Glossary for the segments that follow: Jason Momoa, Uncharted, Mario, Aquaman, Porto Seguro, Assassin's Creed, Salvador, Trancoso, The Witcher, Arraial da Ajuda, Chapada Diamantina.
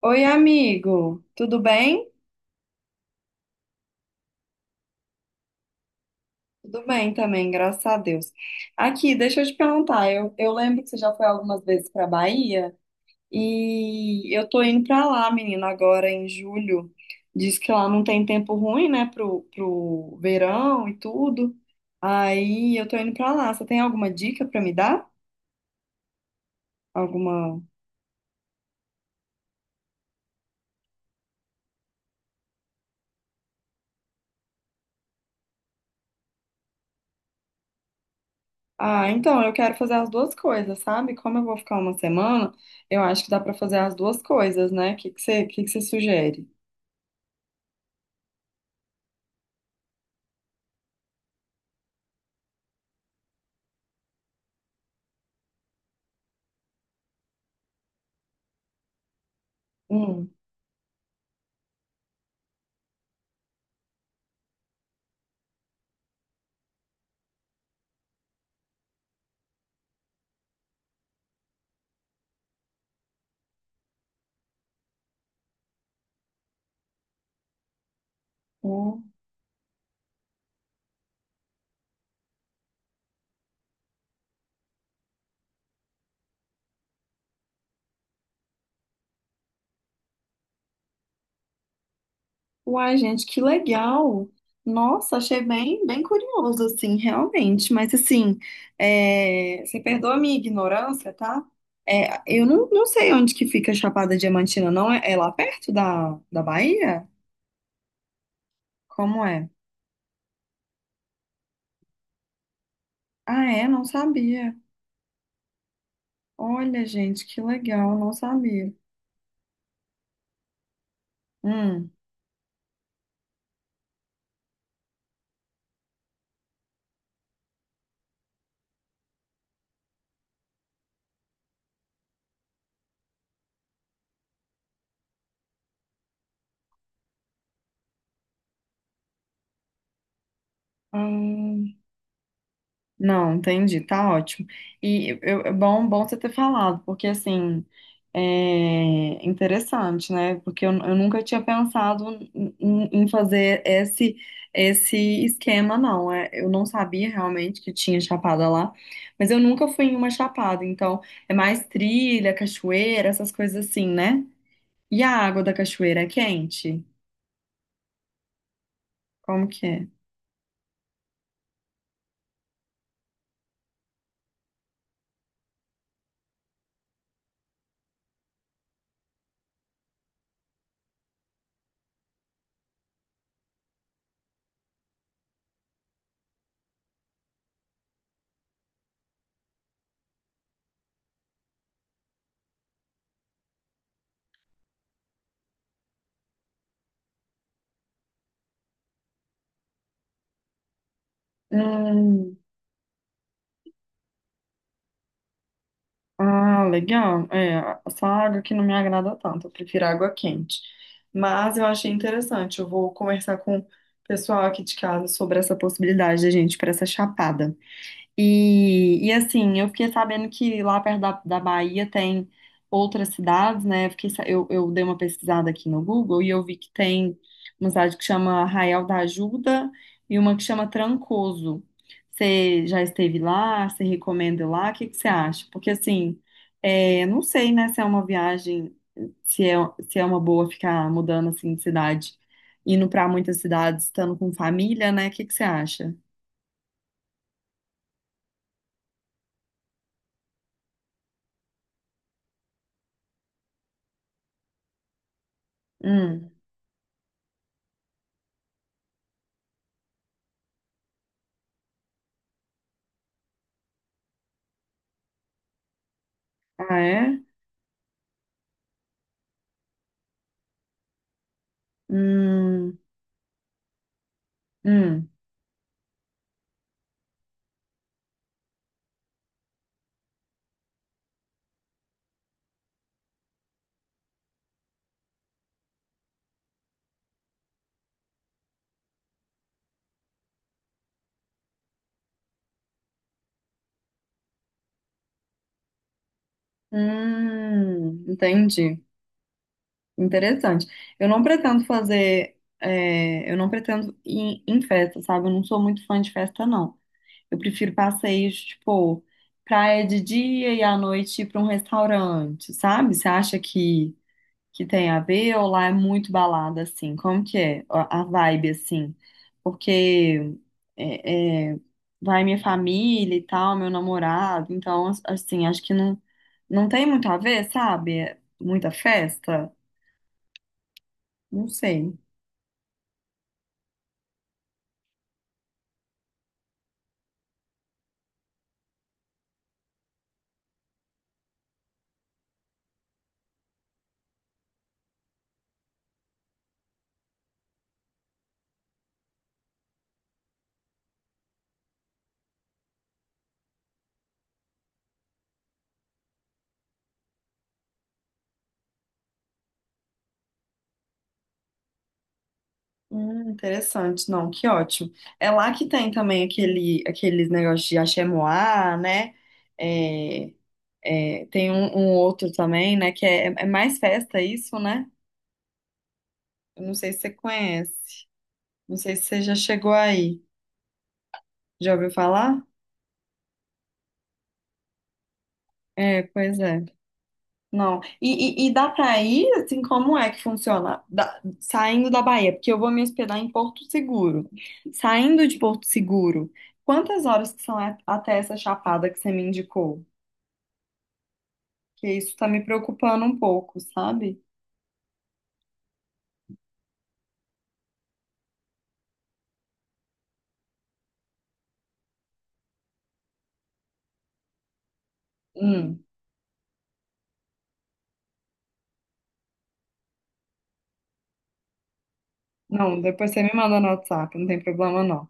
Oi, amigo, tudo bem? Tudo bem também, graças a Deus. Aqui, deixa eu te perguntar, eu lembro que você já foi algumas vezes para Bahia e eu tô indo para lá, menina, agora em julho. Diz que lá não tem tempo ruim, né, pro verão e tudo. Aí eu tô indo para lá. Você tem alguma dica para me dar? Alguma? Ah, então, eu quero fazer as duas coisas, sabe? Como eu vou ficar uma semana, eu acho que dá para fazer as duas coisas, né? O que que você sugere? Hum. Hum. Uai, gente, que legal! Nossa, achei bem, bem curioso, assim, realmente. Mas, assim, é, você perdoa a minha ignorância, tá? É, eu não sei onde que fica Chapada Diamantina, não. É, é lá perto da, da Bahia? Como é? Ah, é? Não sabia. Olha, gente, que legal, não sabia. Hum. Hum. Não, entendi, tá ótimo. E eu, é bom, bom você ter falado, porque assim, é interessante, né? Porque eu nunca tinha pensado em, em fazer esse esquema, não. É, eu não sabia realmente que tinha chapada lá, mas eu nunca fui em uma chapada, então é mais trilha, cachoeira, essas coisas assim, né? E a água da cachoeira é quente? Como que é? Hum. Ah, legal. É, essa água que não me agrada tanto, eu prefiro água quente. Mas eu achei interessante, eu vou conversar com o pessoal aqui de casa sobre essa possibilidade da gente ir para essa chapada. E assim, eu fiquei sabendo que lá perto da, da Bahia tem outras cidades, né? Eu, fiquei sa- eu dei uma pesquisada aqui no Google e eu vi que tem uma cidade que chama Arraial da Ajuda e uma que chama Trancoso. Você já esteve lá? Você recomenda ir lá? O que que você acha? Porque assim, é, não sei, né, se é uma viagem, se é, se é uma boa ficar mudando assim de cidade, indo para muitas cidades, estando com família, né? O que que você acha? Hum. Ah, é? Hum, hum, entendi. Interessante. Eu não pretendo fazer, é, eu não pretendo ir em festa, sabe? Eu não sou muito fã de festa, não. Eu prefiro passeios, tipo, praia de dia e à noite ir pra um restaurante, sabe? Você acha que tem a ver ou lá é muito balada, assim? Como que é a vibe, assim? Porque é, é, vai minha família e tal, meu namorado, então, as- assim, acho que não, não tem muito a ver, sabe? É muita festa? Não sei. Interessante, não, que ótimo. É lá que tem também aquele, aqueles negócios de axé-moá, né? É, é, tem um, um outro também, né? Que é, é mais festa isso, né? Eu não sei se você conhece. Não sei se você já chegou aí. Já ouviu falar? É, pois é. Não. E dá pra ir, assim, como é que funciona? Da- saindo da Bahia, porque eu vou me hospedar em Porto Seguro. Saindo de Porto Seguro, quantas horas que são a- até essa chapada que você me indicou? Que isso tá me preocupando um pouco, sabe? Hum. Não, depois você me manda no WhatsApp, não tem problema não.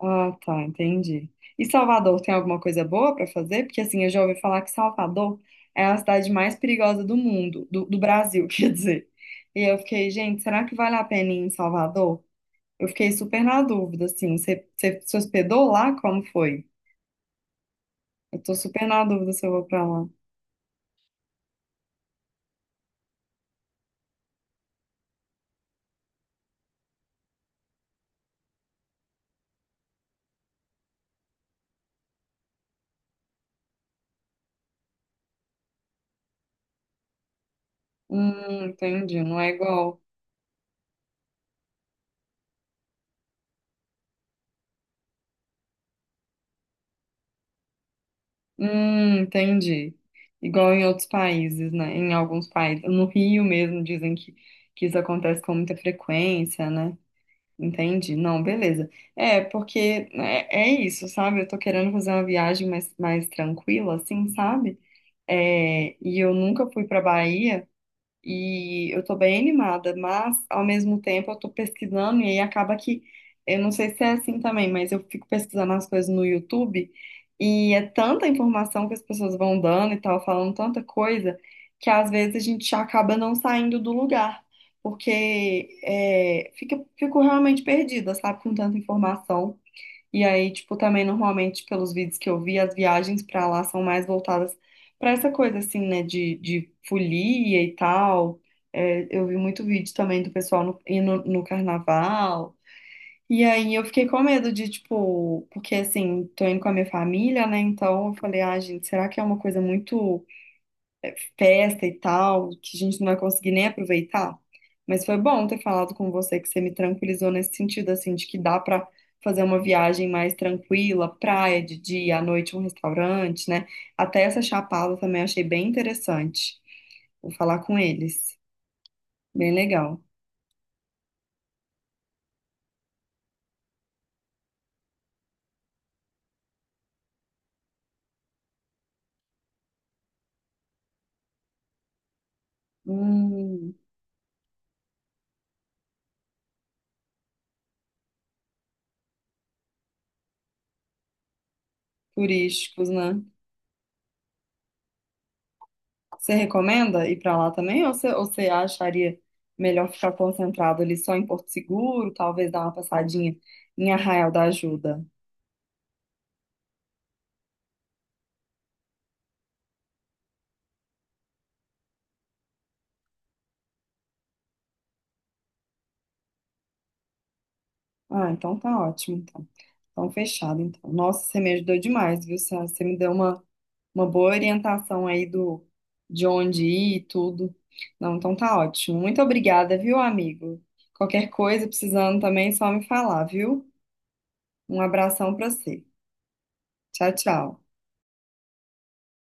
Ah, tá, entendi. E Salvador tem alguma coisa boa pra fazer? Porque assim, eu já ouvi falar que Salvador é a cidade mais perigosa do mundo, do, do Brasil, quer dizer. E eu fiquei, gente, será que vale a pena ir em Salvador? Eu fiquei super na dúvida, assim. Você se hospedou lá? Como foi? Eu tô super na dúvida se eu vou pra lá. Entendi. Não é igual. Entendi. Igual em outros países, né? Em alguns países. No Rio mesmo dizem que isso acontece com muita frequência, né? Entendi. Não, beleza. É, porque é, é isso, sabe? Eu tô querendo fazer uma viagem mais, mais tranquila, assim, sabe? É, e eu nunca fui pra Bahia. E eu tô bem animada, mas ao mesmo tempo eu tô pesquisando e aí acaba que, eu não sei se é assim também, mas eu fico pesquisando as coisas no YouTube e é tanta informação que as pessoas vão dando e tal, falando tanta coisa, que às vezes a gente acaba não saindo do lugar, porque é, fica, fico realmente perdida, sabe, com tanta informação. E aí, tipo, também normalmente pelos vídeos que eu vi, as viagens pra lá são mais voltadas pra essa coisa assim, né, de folia e tal. É, eu vi muito vídeo também do pessoal no, indo no carnaval. E aí eu fiquei com medo de, tipo, porque assim, tô indo com a minha família, né? Então eu falei, ah, gente, será que é uma coisa muito festa e tal, que a gente não vai conseguir nem aproveitar. Mas foi bom ter falado com você, que você me tranquilizou nesse sentido, assim, de que dá pra fazer uma viagem mais tranquila, praia de dia, à noite um restaurante, né? Até essa Chapada também achei bem interessante. Vou falar com eles. Bem legal. Hum, turísticos, né? Você recomenda ir pra lá também ou você acharia melhor ficar concentrado ali só em Porto Seguro, talvez dar uma passadinha em Arraial da Ajuda? Ah, então tá ótimo, então. Então fechado, então. Nossa, você me ajudou demais, viu, Sá? Você me deu uma boa orientação aí do de onde ir e tudo. Não, então tá ótimo. Muito obrigada, viu, amigo? Qualquer coisa precisando também, é só me falar, viu? Um abração pra você. Tchau, tchau.